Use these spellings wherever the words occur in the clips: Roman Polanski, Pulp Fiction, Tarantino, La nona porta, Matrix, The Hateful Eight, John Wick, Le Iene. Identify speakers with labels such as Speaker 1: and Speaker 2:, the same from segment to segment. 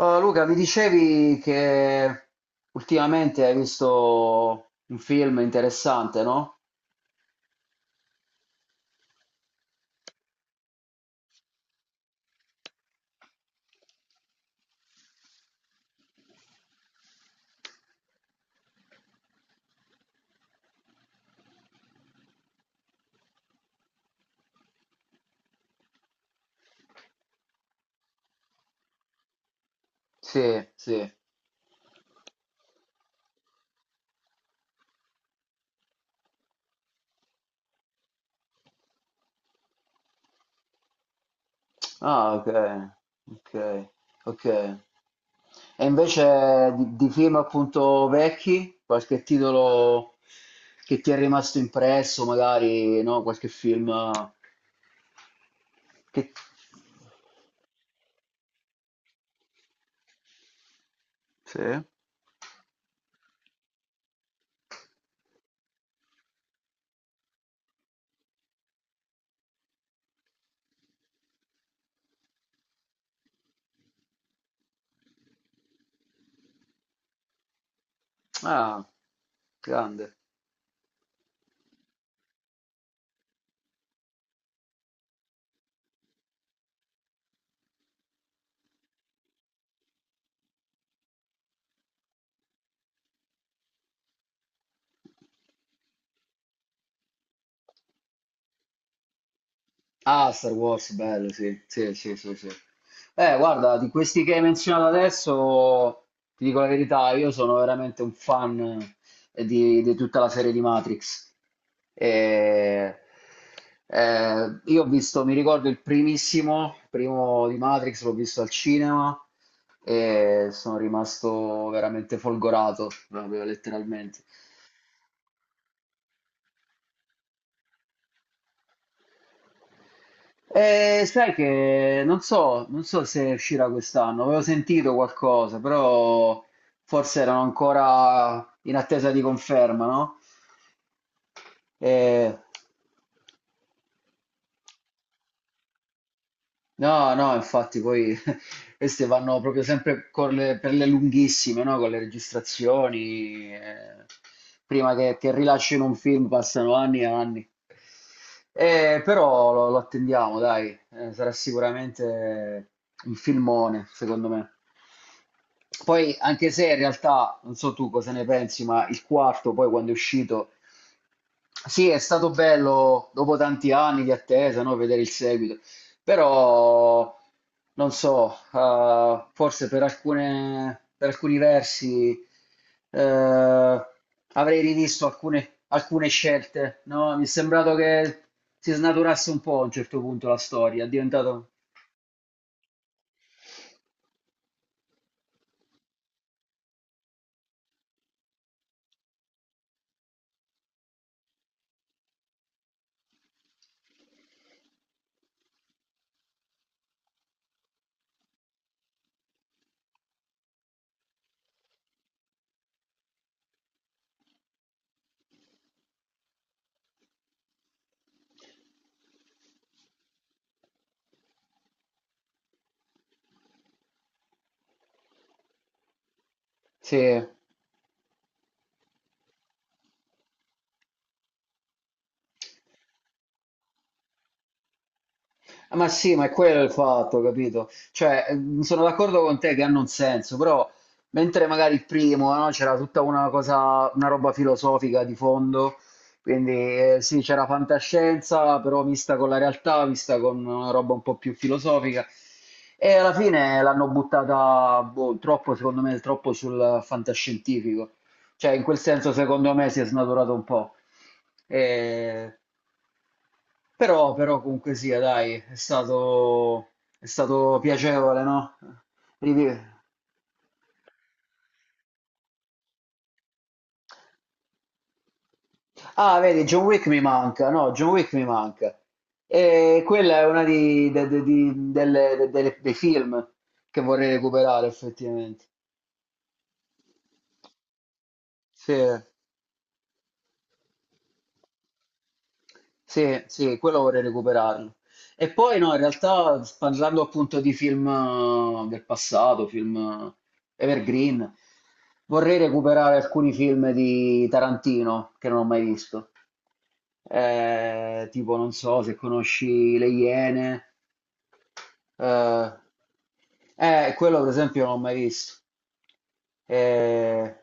Speaker 1: Oh, Luca, mi dicevi che ultimamente hai visto un film interessante, no? Sì, sì. Ah, ok, ok, ok. E invece di film appunto vecchi, qualche titolo che ti è rimasto impresso, magari, no? Qualche film che... Sì. Ah, grande. Ah, Star Wars, bello, sì, sì, sì, sì, sì. Guarda, di questi che hai menzionato adesso, ti dico la verità, io sono veramente un fan di tutta la serie di Matrix. E, io ho visto, mi ricordo il primissimo, il primo di Matrix, l'ho visto al cinema e sono rimasto veramente folgorato, proprio letteralmente. Sai che non so, non so se uscirà quest'anno, avevo sentito qualcosa, però forse erano ancora in attesa di conferma, no? Eh, No, no, infatti poi queste vanno proprio sempre con per le lunghissime, no? Con le registrazioni. Prima che rilascino un film passano anni e anni. Però lo attendiamo, dai. Sarà sicuramente un filmone, secondo me. Poi, anche se in realtà, non so tu cosa ne pensi, ma il quarto, poi quando è uscito sì, è stato bello dopo tanti anni di attesa, no, vedere il seguito, però non so, forse per alcuni versi eh, avrei rivisto alcune scelte, no? Mi è sembrato che si snaturasse un po' a un certo punto la storia, è diventato... Sì. Ah, ma sì, ma è quello il fatto, capito? Cioè, sono d'accordo con te che hanno un senso, però mentre magari il primo, no, c'era tutta una cosa, una roba filosofica di fondo, quindi sì, c'era fantascienza, però vista con la realtà, vista con una roba un po' più filosofica, e alla fine l'hanno buttata, boh, troppo, secondo me, troppo sul fantascientifico. Cioè, in quel senso, secondo me, si è snaturato un po'. E però, però comunque sia, dai, è stato piacevole, no? Rivi- Ah, vedi, John Wick mi manca, no, John Wick mi manca. E quella è una di, de- de- di- delle- de- delle- dei film che vorrei recuperare, effettivamente. Sì. Sì, sì, quello vorrei recuperarlo. E poi no, in realtà parlando appunto di film del passato, film evergreen, vorrei recuperare alcuni film di Tarantino che non ho mai visto. Tipo, non so se conosci Le Iene. Eh, Quello per esempio non l'ho mai visto. Eh,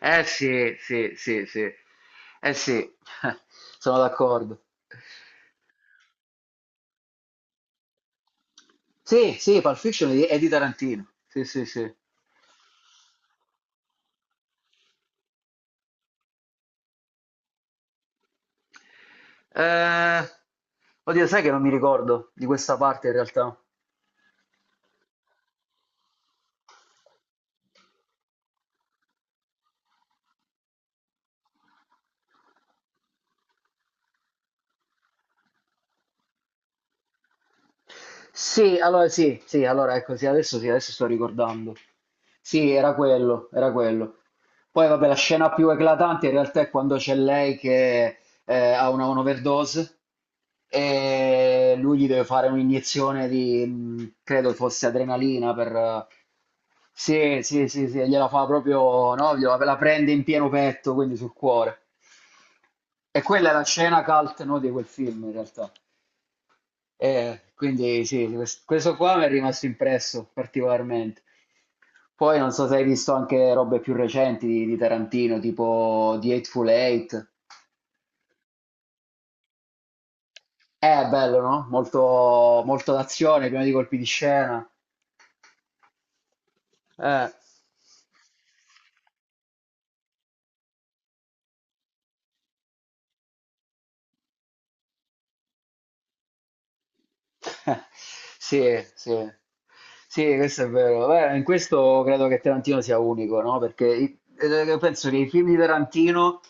Speaker 1: eh sì, sì, sì, sì. Eh sì, sono d'accordo. Sì, sì, Pulp Fiction è di Tarantino. Sì, sì, sì. Eh, oddio, sai che non mi ricordo di questa parte in realtà. Sì, allora sì, sì, allora ecco, sì, adesso sto ricordando. Sì, era quello, era quello. Poi vabbè, la scena più eclatante in realtà è quando c'è lei che ha una un'overdose e lui gli deve fare un'iniezione di, credo fosse adrenalina per... Sì, sì, sì, sì, gliela fa proprio, no? Gliela, la prende in pieno petto, quindi sul cuore. E quella è la scena cult, no, di quel film in realtà. Quindi sì, questo qua mi è rimasto impresso particolarmente. Poi non so se hai visto anche robe più recenti di Tarantino, tipo The Hateful Eight. Bello, no? Molto, molto d'azione, pieno di colpi di scena. Eh. Sì, sì, sì, questo è vero. Beh, in questo credo che Tarantino sia unico, no? Perché penso che i film di Tarantino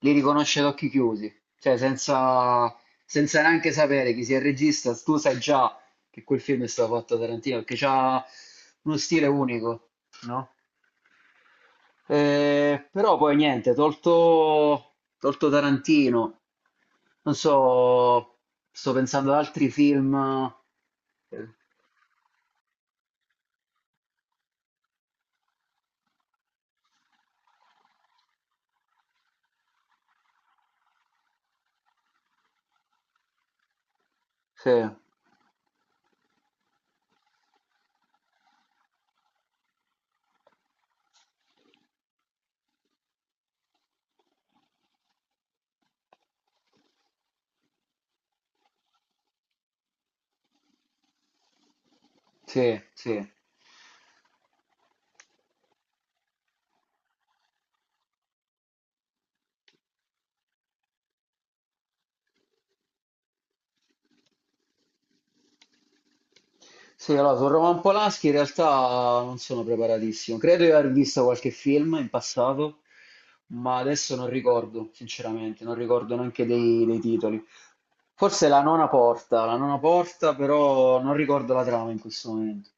Speaker 1: li riconosce ad occhi chiusi, cioè senza, senza neanche sapere chi sia il regista, tu sai già che quel film è stato fatto da Tarantino, perché c'ha uno stile unico, no? Però poi niente, tolto, tolto Tarantino, non so, sto pensando ad altri film. Eh, Sì, sì, sì. Sì, allora, su Roman Polanski in realtà non sono preparatissimo. Credo di aver visto qualche film in passato, ma adesso non ricordo, sinceramente, non ricordo neanche dei titoli. Forse La nona porta, però non ricordo la trama in questo momento.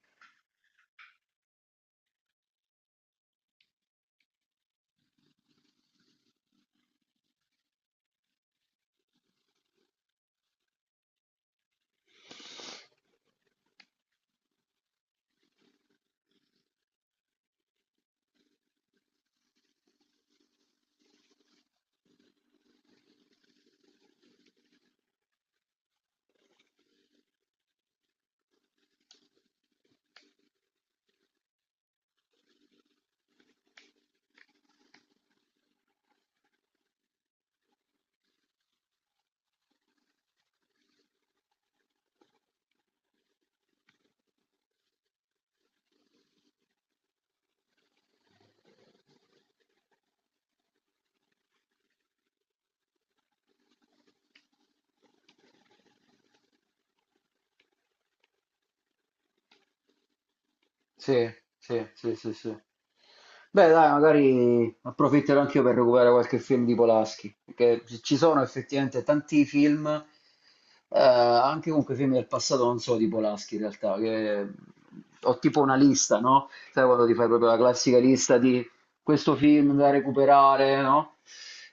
Speaker 1: Sì, sì, sì, sì, sì. Beh, dai, magari approfitterò anch'io per recuperare qualche film di Polanski, perché ci sono effettivamente tanti film, anche comunque film del passato, non solo di Polanski in realtà, che ho tipo una lista, no? Sai quando ti fai proprio la classica lista di questo film da recuperare, no?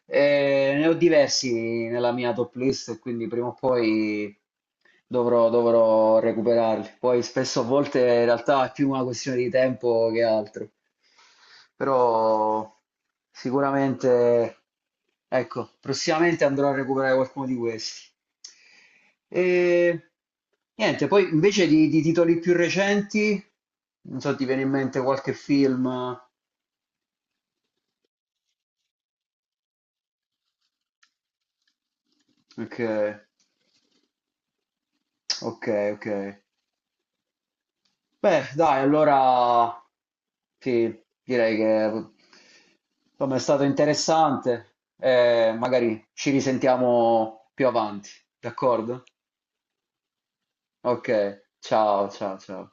Speaker 1: Ne ho diversi nella mia top list, quindi prima o poi dovrò, dovrò recuperarli. Poi spesso a volte in realtà è più una questione di tempo che altro, però sicuramente, ecco, prossimamente andrò a recuperare qualcuno di questi. E niente, poi invece di titoli più recenti, non so, ti viene in mente qualche film? Ok, ok, ok. Beh, dai, allora sì, direi che insomma è stato interessante. Magari ci risentiamo più avanti, d'accordo? Ok, ciao, ciao, ciao.